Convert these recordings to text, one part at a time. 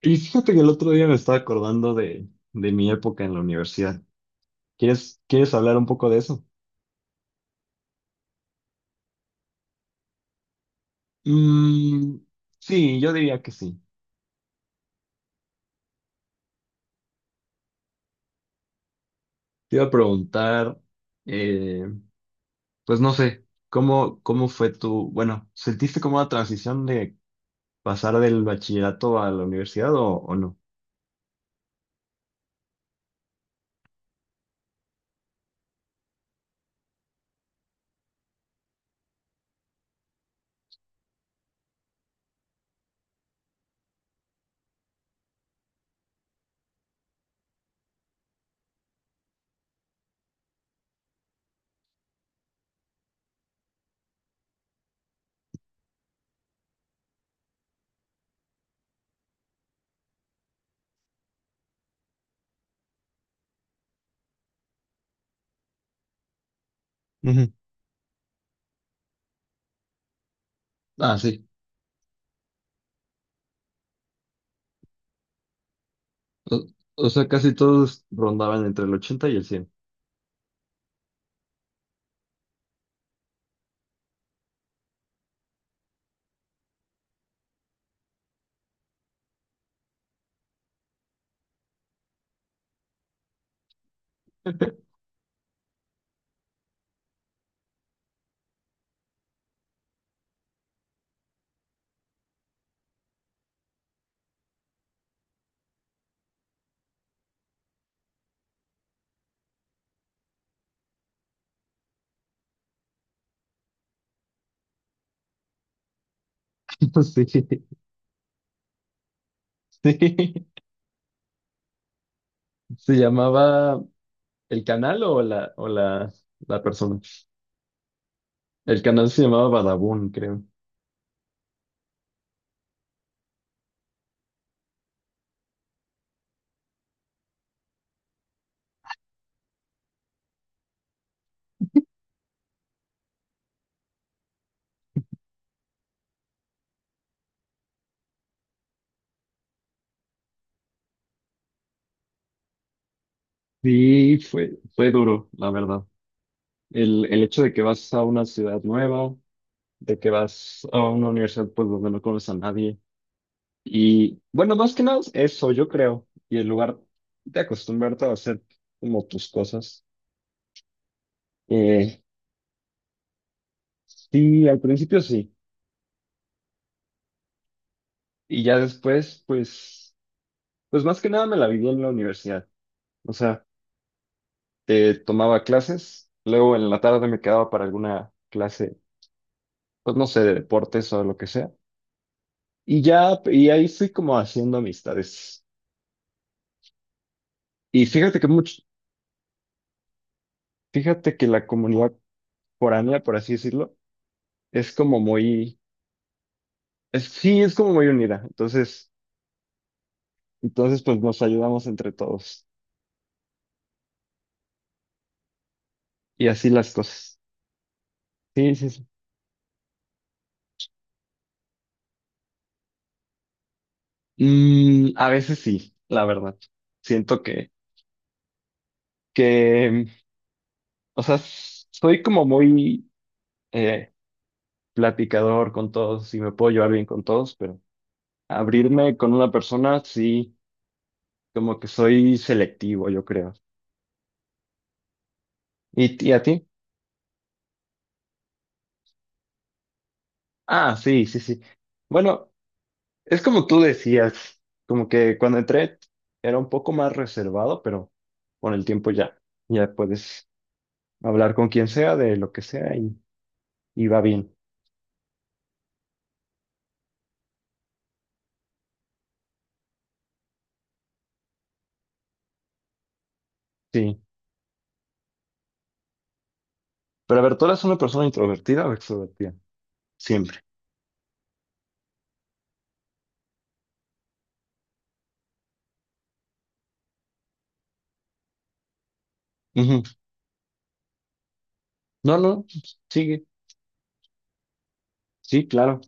Y fíjate que el otro día me estaba acordando de mi época en la universidad. ¿Quieres hablar un poco de eso? Mm, sí, yo diría que sí. Te iba a preguntar, eh, pues no sé, ¿cómo fue tu, bueno, ¿sentiste como la transición de pasar del bachillerato a la universidad o no? Ujú. Ah, sí. O, o sea, casi todos rondaban entre el ochenta y el cien. Sí, sí. ¿Se llamaba el canal o la persona? El canal se llamaba Badabun, creo. Sí fue, fue duro, la verdad. El hecho de que vas a una ciudad nueva, de que vas a una universidad pues donde no conoces a nadie. Y bueno, más que nada eso, yo creo. Y el lugar de acostumbrarte a hacer como tus cosas. Eh, sí, al principio sí. Y ya después, pues, pues más que nada me la viví en la universidad. O sea, tomaba clases, luego en la tarde me quedaba para alguna clase pues no sé, de deportes o lo que sea. Y ya, y ahí fui como haciendo amistades. Y fíjate que mucho, fíjate que la comunidad foránea, por así decirlo, es como muy, es, sí, es como muy unida. Entonces pues nos ayudamos entre todos. Y así las cosas. Sí, sí, sí. Mm, a veces sí, la verdad. Siento que, o sea, s- soy como muy eh, platicador con todos y me puedo llevar bien con todos, pero abrirme con una persona, sí. Como que soy selectivo, yo creo. Y a ti? Ah, sí, sí, sí. Bueno, es como tú decías, como que cuando entré era un poco más reservado, pero con el tiempo ya, ya puedes hablar con quien sea de lo que sea y va bien. Sí. Pero a ver, ¿tú eres una persona introvertida o extrovertida? Siempre. Ujú. No, no, sigue. Sí, claro.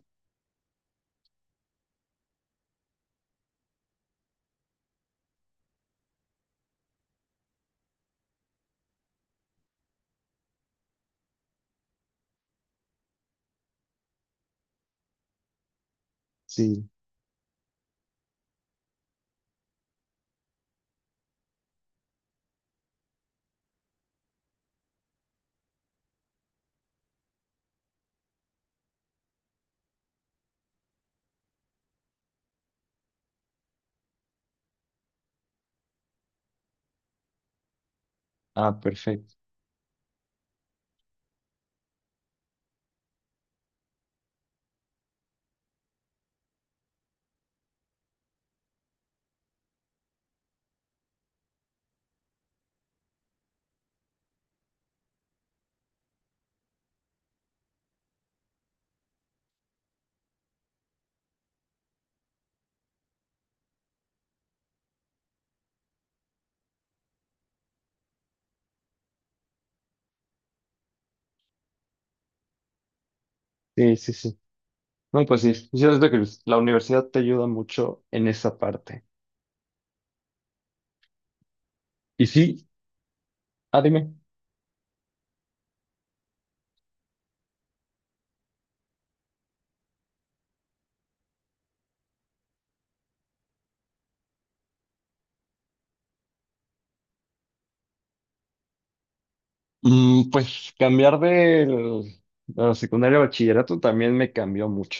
Sí. Ah, perfecto. Sí, sí, sí. No, pues sí. Yo creo que la universidad te ayuda mucho en esa parte. Y sí, ah, dime. Mm, pues cambiar del, de la secundaria a bachillerato también me cambió mucho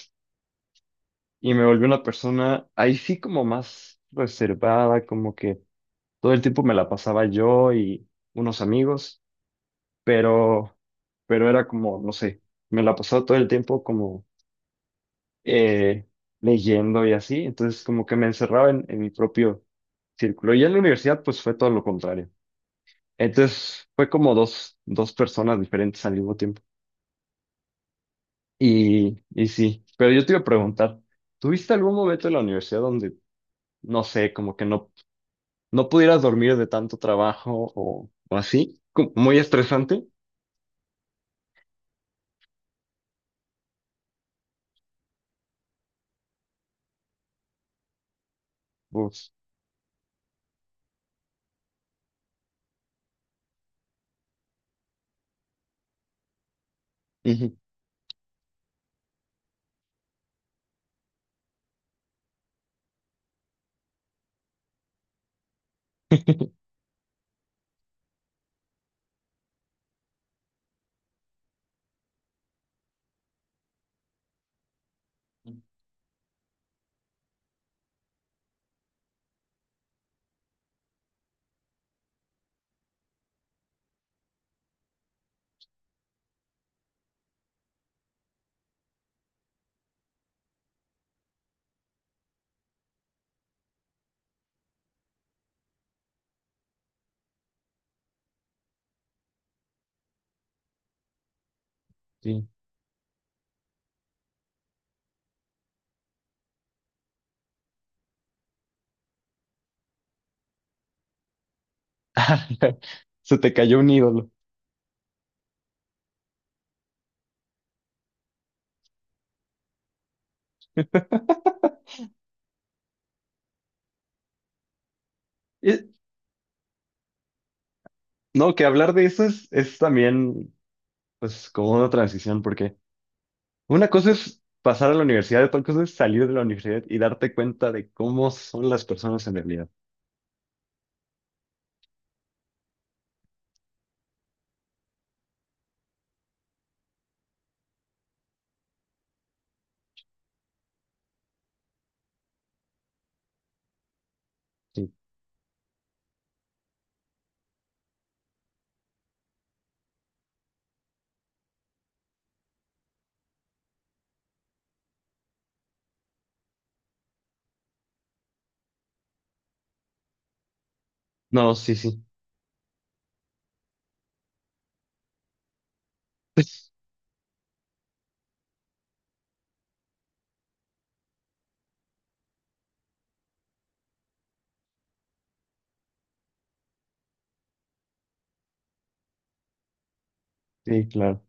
y me volví una persona ahí sí como más reservada, como que todo el tiempo me la pasaba yo y unos amigos, pero, pero era como, no sé, me la pasaba todo el tiempo como eh, leyendo y así, entonces como que me encerraba en mi propio círculo y en la universidad pues fue todo lo contrario. Entonces fue como dos personas diferentes al mismo tiempo. Y sí, pero yo te iba a preguntar, ¿tuviste algún momento en la universidad donde, no sé, como que no pudieras dormir de tanto trabajo o así? Como muy estresante. Uf, ujú, sí. Se te cayó un ídolo. Eh, no, que hablar de eso es también, pues, como una transición, porque una cosa es pasar a la universidad, otra cosa es salir de la universidad y darte cuenta de cómo son las personas en realidad. Sí. No, sí, sí. Sí, claro.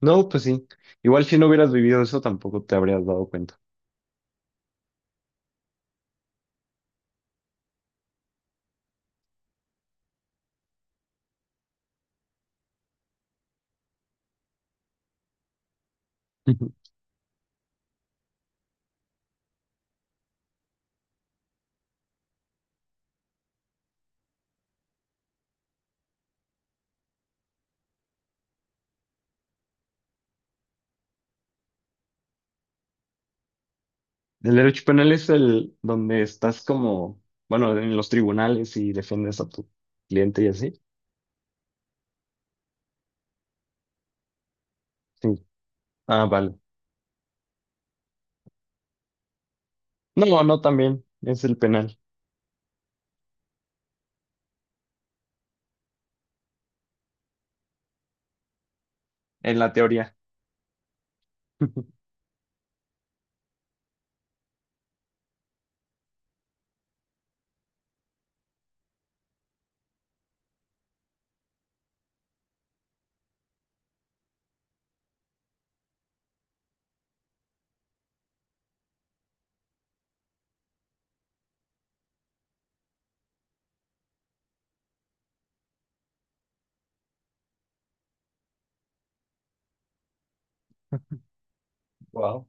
No, pues sí. Igual si no hubieras vivido eso, tampoco te habrías dado cuenta. El derecho penal es el donde estás como, bueno, en los tribunales y defiendes a tu cliente y así. Sí. Ah, vale. No, no, también es el penal, en la teoría. Wow.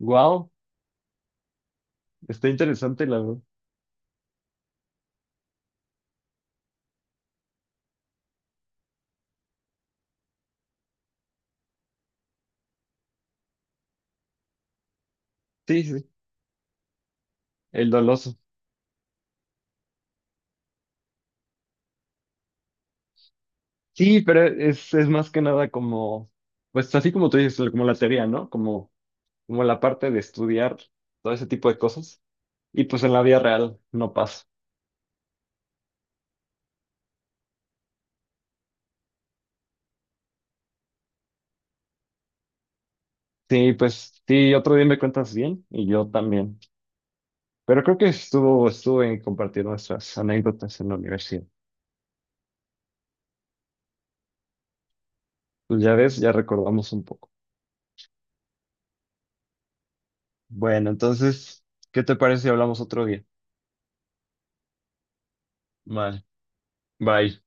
Wow, está interesante la verdad. Sí, sí, sí, el doloso. Sí, pero es más que nada como, pues así como tú dices, como la teoría, ¿no? Como, como la parte de estudiar todo ese tipo de cosas. Y pues en la vida real no pasa. Sí, pues sí, otro día me cuentas bien y yo también. Pero creo que estuvo, estuvo en compartir nuestras anécdotas en la universidad. Pues ya ves, ya recordamos un poco. Bueno, entonces, ¿qué te parece si hablamos otro día? Vale, bye.